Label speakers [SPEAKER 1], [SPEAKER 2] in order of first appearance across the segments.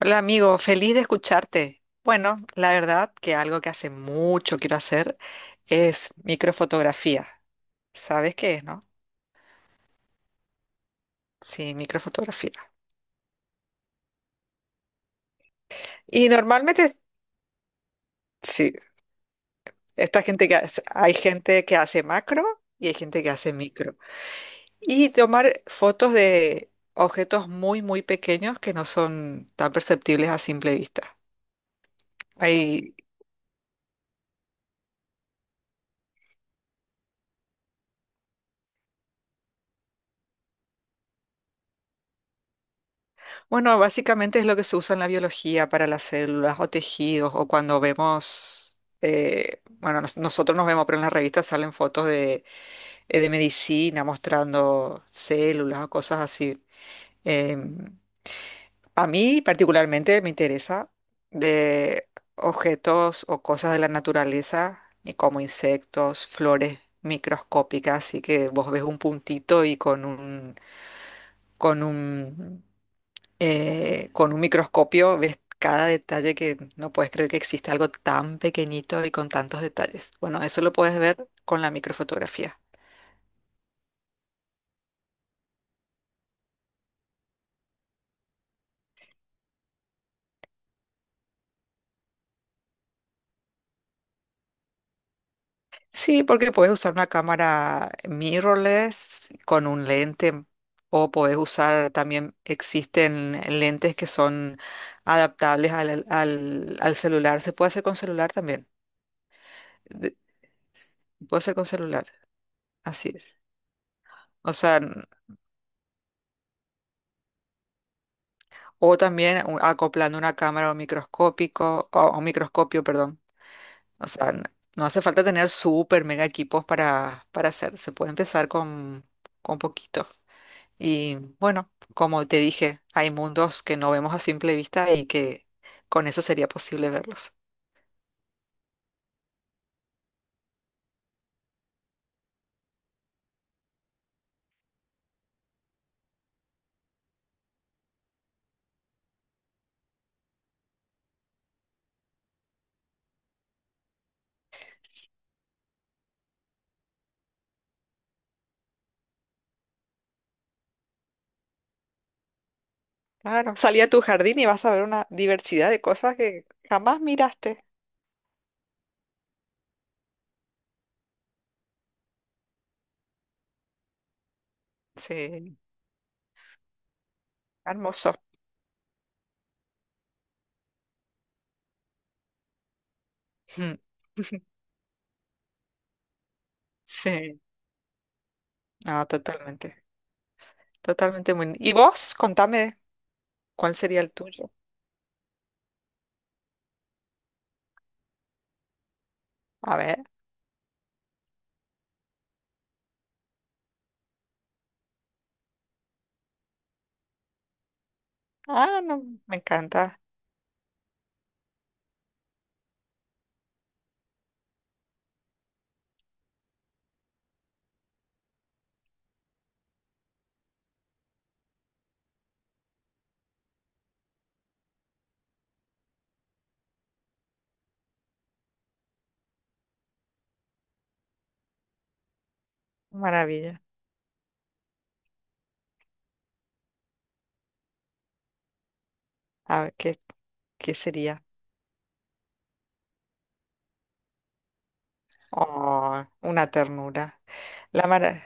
[SPEAKER 1] Hola amigo, feliz de escucharte. Bueno, la verdad que algo que hace mucho quiero hacer es microfotografía. ¿Sabes qué es, no? Sí, microfotografía. Y normalmente, sí, esta gente que hace- hay gente que hace macro y hay gente que hace micro. Y tomar fotos de objetos muy, muy pequeños que no son tan perceptibles a simple vista. Hay bueno, básicamente es lo que se usa en la biología para las células o tejidos o cuando vemos, bueno, nosotros nos vemos, pero en las revistas salen fotos de medicina mostrando células o cosas así. Em, a mí particularmente me interesa de objetos o cosas de la naturaleza, y como insectos, flores microscópicas, así que vos ves un puntito y con un, con un con un microscopio ves cada detalle que no puedes creer que existe algo tan pequeñito y con tantos detalles. Bueno, eso lo puedes ver con la microfotografía. Sí, porque puedes usar una cámara mirrorless con un lente o puedes usar también, existen lentes que son adaptables al celular. Se puede hacer con celular también. De- Puede ser con celular, así es. O sea, o también acoplando una cámara o microscópico, o microscopio, perdón. O sea, no hace falta tener súper mega equipos para hacer. Se puede empezar con poquito. Y bueno, como te dije, hay mundos que no vemos a simple vista y que con eso sería posible verlos. Claro, salí a tu jardín y vas a ver una diversidad de cosas que jamás miraste. Sí, hermoso. Mm. Sí, no, totalmente. Totalmente muy. ¿Y vos? Contame. ¿Cuál sería el tuyo? A ver. Ah, no, me encanta. Maravilla. A ver, ¿qué, qué sería? Oh, una ternura. La mara-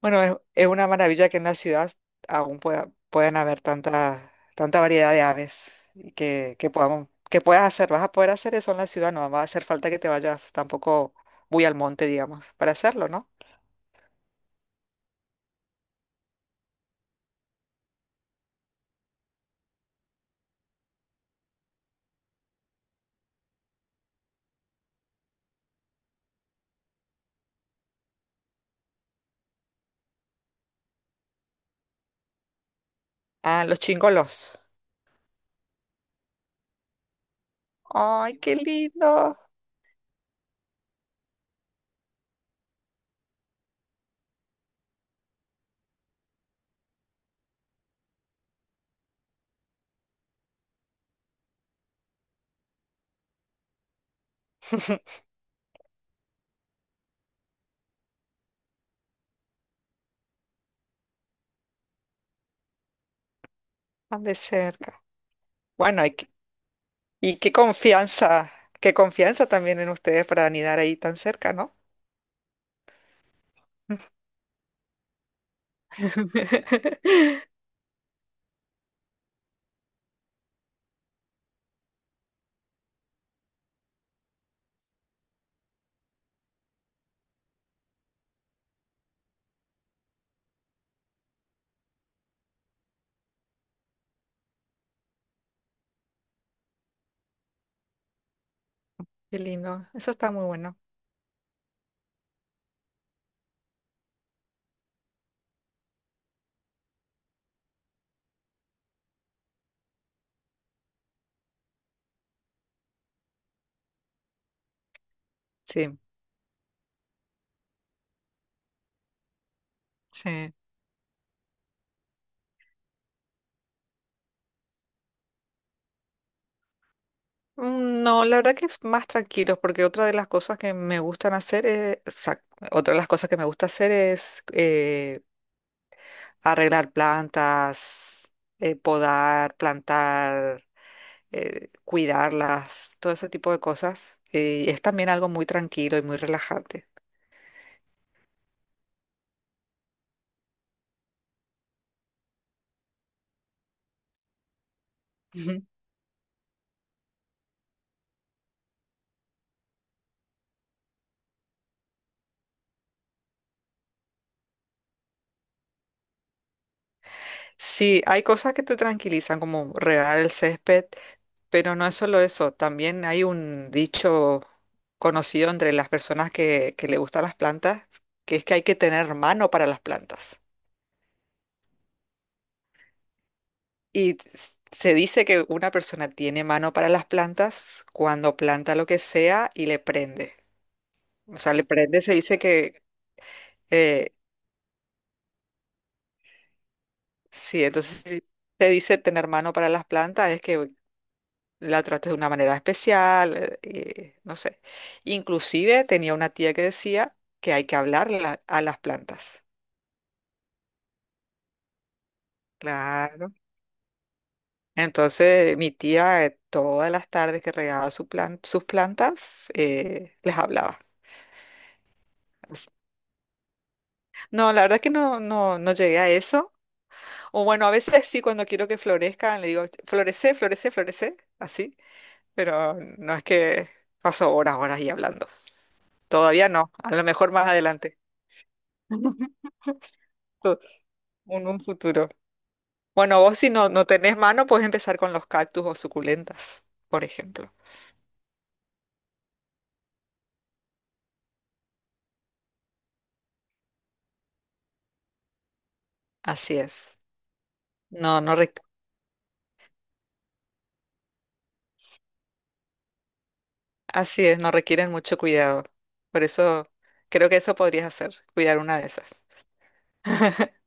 [SPEAKER 1] Bueno, es una maravilla que en la ciudad aún pueda, puedan haber tanta, tanta variedad de aves y que podamos, que puedas hacer. Vas a poder hacer eso en la ciudad, no va a hacer falta que te vayas tampoco muy al monte, digamos, para hacerlo, ¿no? Ah, los chingolos. Ay, qué lindo. Tan de cerca. Bueno, hay que y qué confianza también en ustedes para anidar ahí tan cerca, ¿no? Qué lindo, eso está muy bueno. Sí, sí. No, la verdad que es más tranquilos, porque otra de las cosas que me gustan hacer es, otra de las cosas que me gusta hacer es arreglar plantas, podar, plantar, cuidarlas, todo ese tipo de cosas. Es también algo muy tranquilo y muy relajante. Sí, hay cosas que te tranquilizan, como regar el césped, pero no es solo eso. También hay un dicho conocido entre las personas que le gustan las plantas, que es que hay que tener mano para las plantas. Y t- Se dice que una persona tiene mano para las plantas cuando planta lo que sea y le prende. O sea, le prende, se dice que eh, sí, entonces si se dice tener mano para las plantas, es que la trates de una manera especial, no sé. Inclusive tenía una tía que decía que hay que hablarle a las plantas. Claro. Entonces, mi tía, todas las tardes que regaba su sus plantas, les hablaba. Así. No, la verdad que no, no, no llegué a eso. O bueno, a veces sí, cuando quiero que florezcan, le digo, florece, florece, florece, así. Pero no es que paso horas, horas y hablando. Todavía no, a lo mejor más adelante. Un futuro. Bueno, vos si no, no tenés mano, puedes empezar con los cactus o suculentas, por ejemplo. Así es. No, no requ- Así es, no requieren mucho cuidado. Por eso creo que eso podrías hacer, cuidar una de esas.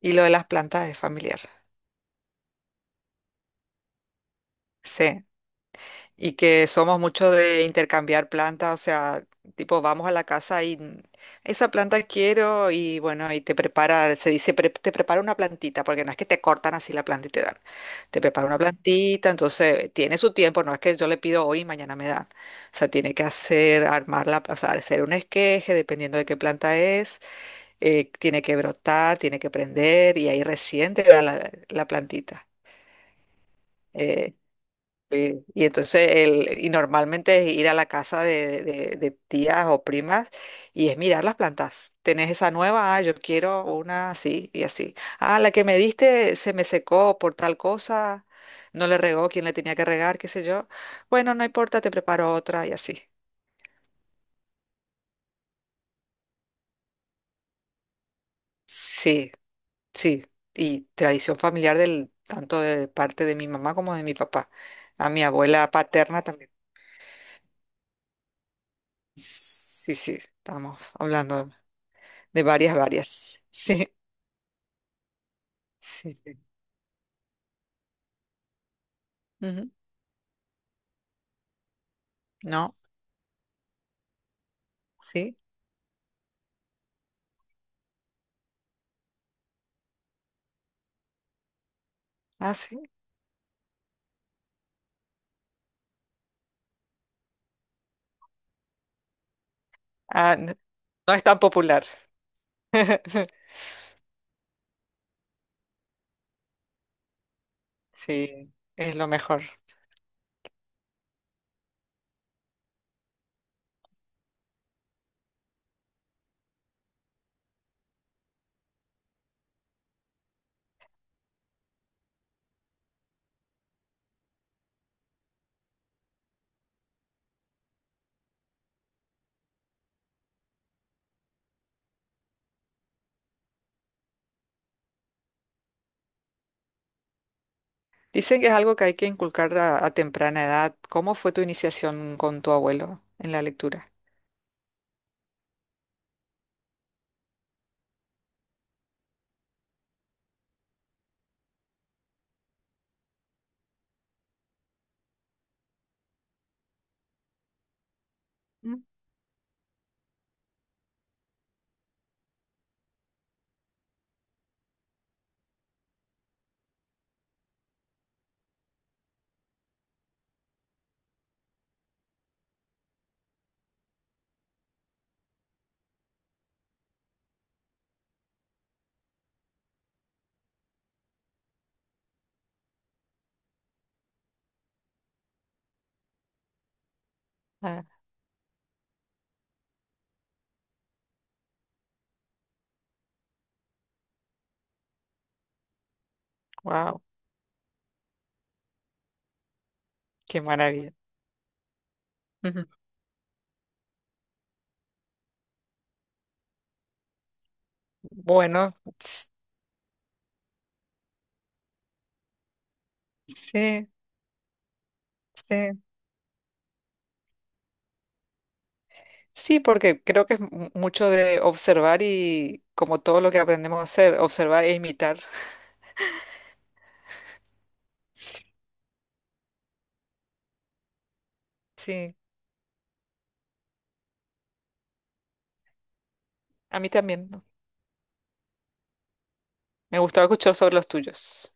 [SPEAKER 1] Y lo de las plantas es familiar. Sí. Y que somos mucho de intercambiar plantas, o sea, tipo, vamos a la casa y esa planta quiero y bueno, y te prepara, se dice, Te prepara una plantita", porque no es que te cortan así la planta y te dan, te prepara una plantita, entonces tiene su tiempo, no es que yo le pido hoy y mañana me dan, o sea, tiene que hacer, armarla, o sea, hacer un esqueje, dependiendo de qué planta es, tiene que brotar, tiene que prender y ahí recién te da la, la plantita. Eh, Sí, y entonces, el, y normalmente es ir a la casa de, de tías o primas y es mirar las plantas. ¿Tenés esa nueva? Ah, yo quiero una así y así. Ah, la que me diste se me secó por tal cosa, no le regó quien le tenía que regar, qué sé yo. Bueno, no importa, te preparo otra y así. Sí, sí. Y tradición familiar del, tanto de parte de mi mamá como de mi papá. A mi abuela paterna también. Sí, sí, estamos hablando de varias, varias. Sí, sí, sí. Ujú. No, sí. Ah, sí. Ah, no, no es tan popular. Sí, es lo mejor. Dicen que es algo que hay que inculcar a temprana edad. ¿Cómo fue tu iniciación con tu abuelo en la lectura? Ah, wow, qué maravilla. Ujú. Bueno, s- sí, sí. Sí, porque creo que es mucho de observar y como todo lo que aprendemos a hacer, observar e imitar. Sí, a mí también. Me gustaba escuchar sobre los tuyos.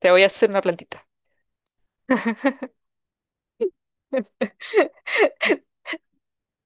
[SPEAKER 1] Te voy a hacer una plantita.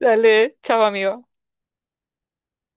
[SPEAKER 1] Dale, chao, amigo.